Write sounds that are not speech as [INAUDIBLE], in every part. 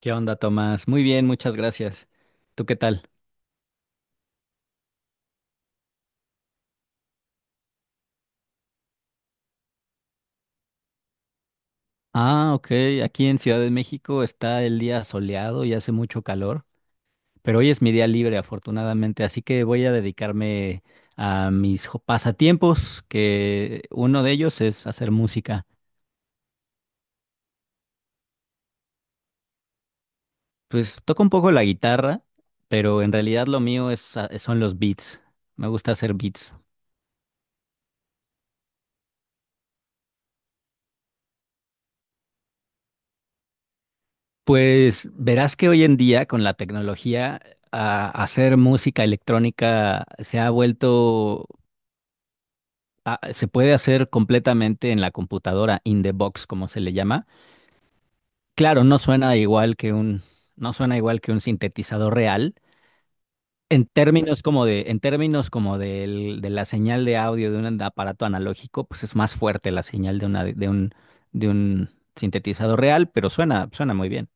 ¿Qué onda, Tomás? Muy bien, muchas gracias. ¿Tú qué tal? Ah, ok. Aquí en Ciudad de México está el día soleado y hace mucho calor, pero hoy es mi día libre, afortunadamente, así que voy a dedicarme a mis pasatiempos, que uno de ellos es hacer música. Pues toco un poco la guitarra, pero en realidad lo mío es, son los beats. Me gusta hacer beats. Pues verás que hoy en día con la tecnología hacer música electrónica se ha vuelto se puede hacer completamente en la computadora, in the box, como se le llama. Claro, no suena igual que un, no suena igual que un sintetizador real. En términos en términos como de la señal de audio de un aparato analógico, pues es más fuerte la señal de un sintetizador real, pero suena muy bien.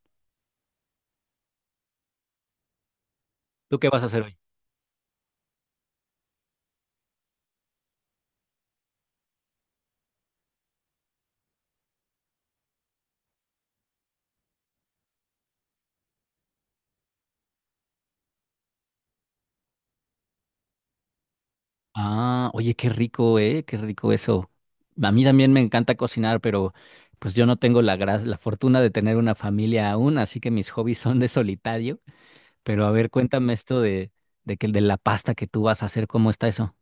¿Tú qué vas a hacer hoy? Ah, oye, qué rico, ¿eh? Qué rico eso. A mí también me encanta cocinar, pero pues yo no tengo la la fortuna de tener una familia aún, así que mis hobbies son de solitario. Pero a ver, cuéntame esto de que de la pasta que tú vas a hacer, ¿cómo está eso?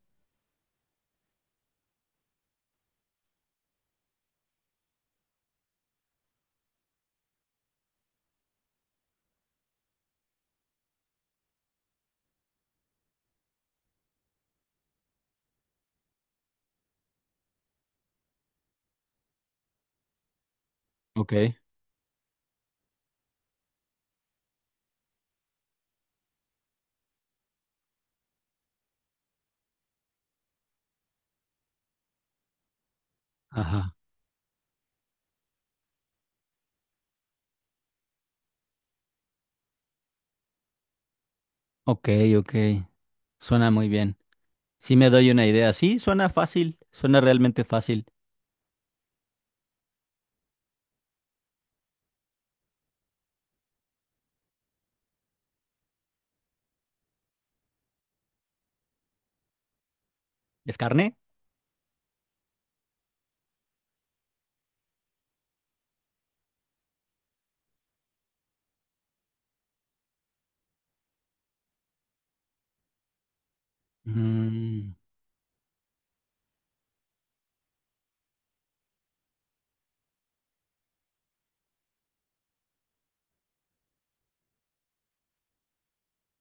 Ok. Ajá. Ok, ok. Suena muy bien. Sí me doy una idea. Sí, suena fácil, suena realmente fácil. ¿Es carne? Mm,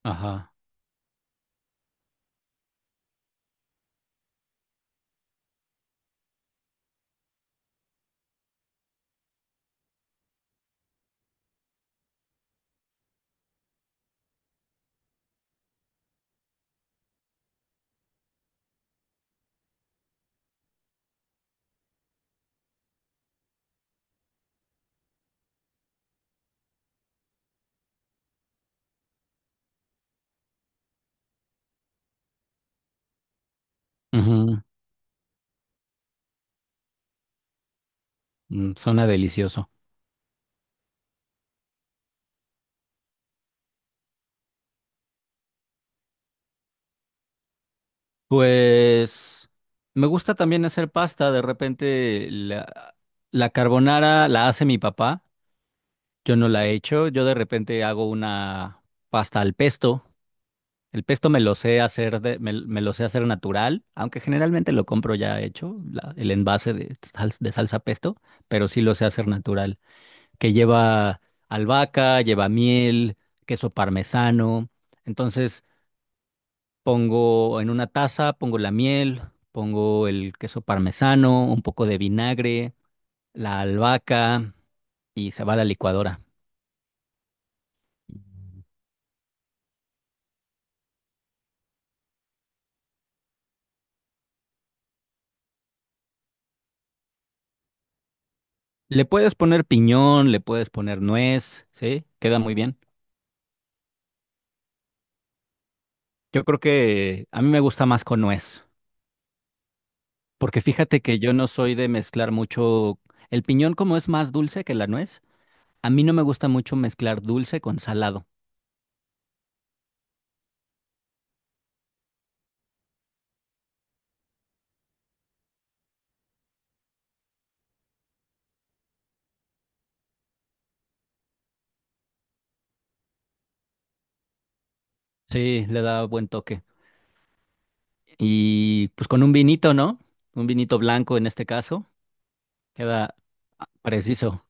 ajá. Ujú, suena delicioso. Pues me gusta también hacer pasta. De repente la carbonara la hace mi papá. Yo no la he hecho. Yo de repente hago una pasta al pesto. El pesto me lo sé hacer natural, aunque generalmente lo compro ya hecho, el envase de salsa pesto, pero sí lo sé hacer natural, que lleva albahaca, lleva miel, queso parmesano. Entonces, pongo en una taza, pongo la miel, pongo el queso parmesano, un poco de vinagre, la albahaca y se va a la licuadora. Le puedes poner piñón, le puedes poner nuez, ¿sí? Queda muy bien. Yo creo que a mí me gusta más con nuez, porque fíjate que yo no soy de mezclar mucho. El piñón como es más dulce que la nuez, a mí no me gusta mucho mezclar dulce con salado. Sí, le da buen toque. Y pues con un vinito, ¿no? Un vinito blanco en este caso queda preciso.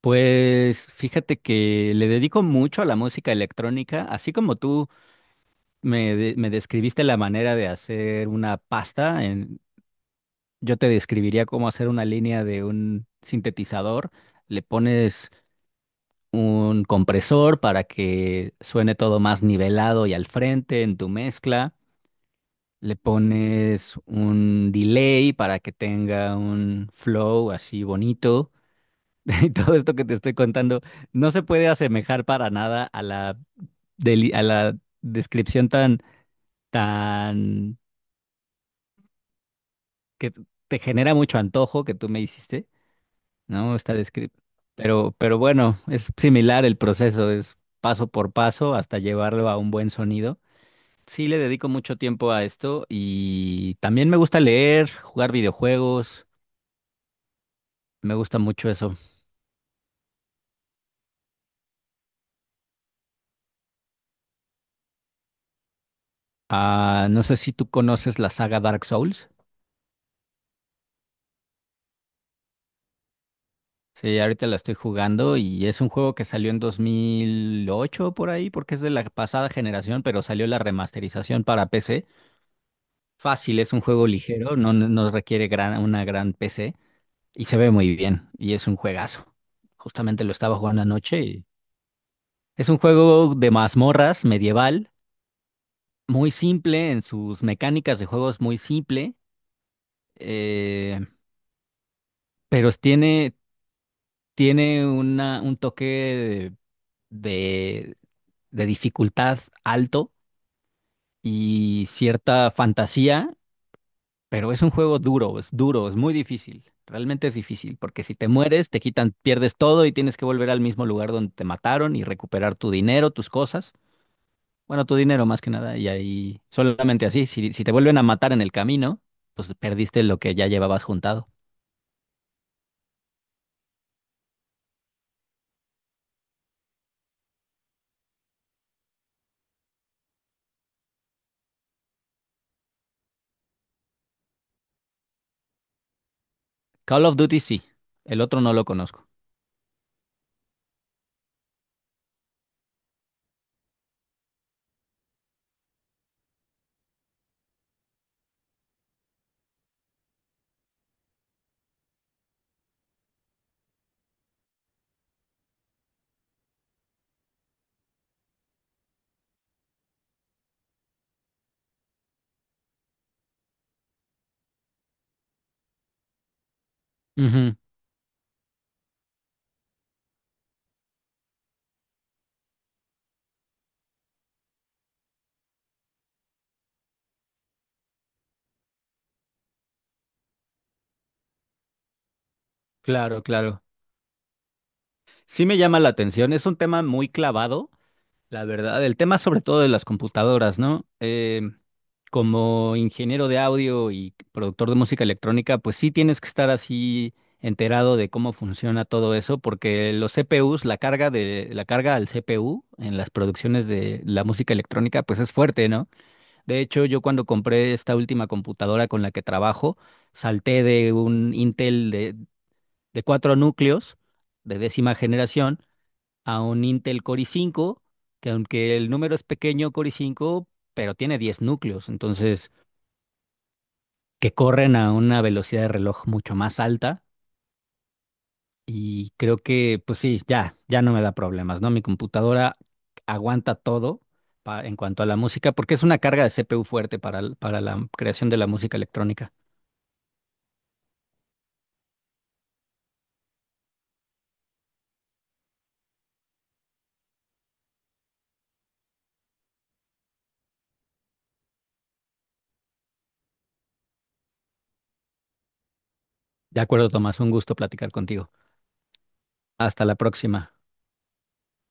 Pues fíjate que le dedico mucho a la música electrónica, así como tú me describiste la manera de hacer una pasta, yo te describiría cómo hacer una línea de un sintetizador. Le pones un compresor para que suene todo más nivelado y al frente en tu mezcla. Le pones un delay para que tenga un flow así bonito. [LAUGHS] Y todo esto que te estoy contando no se puede asemejar para nada a a la descripción tan, que te genera mucho antojo que tú me hiciste, ¿no? Pero bueno, es similar el proceso, es paso por paso hasta llevarlo a un buen sonido. Sí le dedico mucho tiempo a esto y también me gusta leer, jugar videojuegos, me gusta mucho eso. Ah, no sé si tú conoces la saga Dark Souls. Sí, ahorita la estoy jugando y es un juego que salió en 2008 por ahí, porque es de la pasada generación, pero salió la remasterización para PC. Fácil, es un juego ligero, no requiere una gran PC y se ve muy bien y es un juegazo. Justamente lo estaba jugando anoche y es un juego de mazmorras medieval, muy simple en sus mecánicas de juego es muy simple, eh, pero un toque de de dificultad alto y cierta fantasía, pero es un juego duro, es muy difícil. Realmente es difícil, porque si te mueres, te quitan, pierdes todo y tienes que volver al mismo lugar donde te mataron y recuperar tu dinero, tus cosas. Bueno, tu dinero más que nada, y ahí solamente así, si te vuelven a matar en el camino, pues perdiste lo que ya llevabas juntado. Call of Duty sí, el otro no lo conozco. Ujú, claro, claro. Sí me llama la atención, es un tema muy clavado. La verdad, el tema sobre todo de las computadoras, ¿no? Como ingeniero de audio y productor de música electrónica, pues sí tienes que estar así enterado de cómo funciona todo eso, porque los CPUs, la carga al CPU en las producciones de la música electrónica, pues es fuerte, ¿no? De hecho, yo cuando compré esta última computadora con la que trabajo, salté de un de cuatro núcleos de décima generación a un Intel Core i5, que aunque el número es pequeño, Core i5, pero tiene 10 núcleos, entonces que corren a una velocidad de reloj mucho más alta y creo que pues sí, ya no me da problemas, ¿no? Mi computadora aguanta todo en cuanto a la música, porque es una carga de CPU fuerte para, para la creación de la música electrónica. De acuerdo, Tomás, un gusto platicar contigo. Hasta la próxima.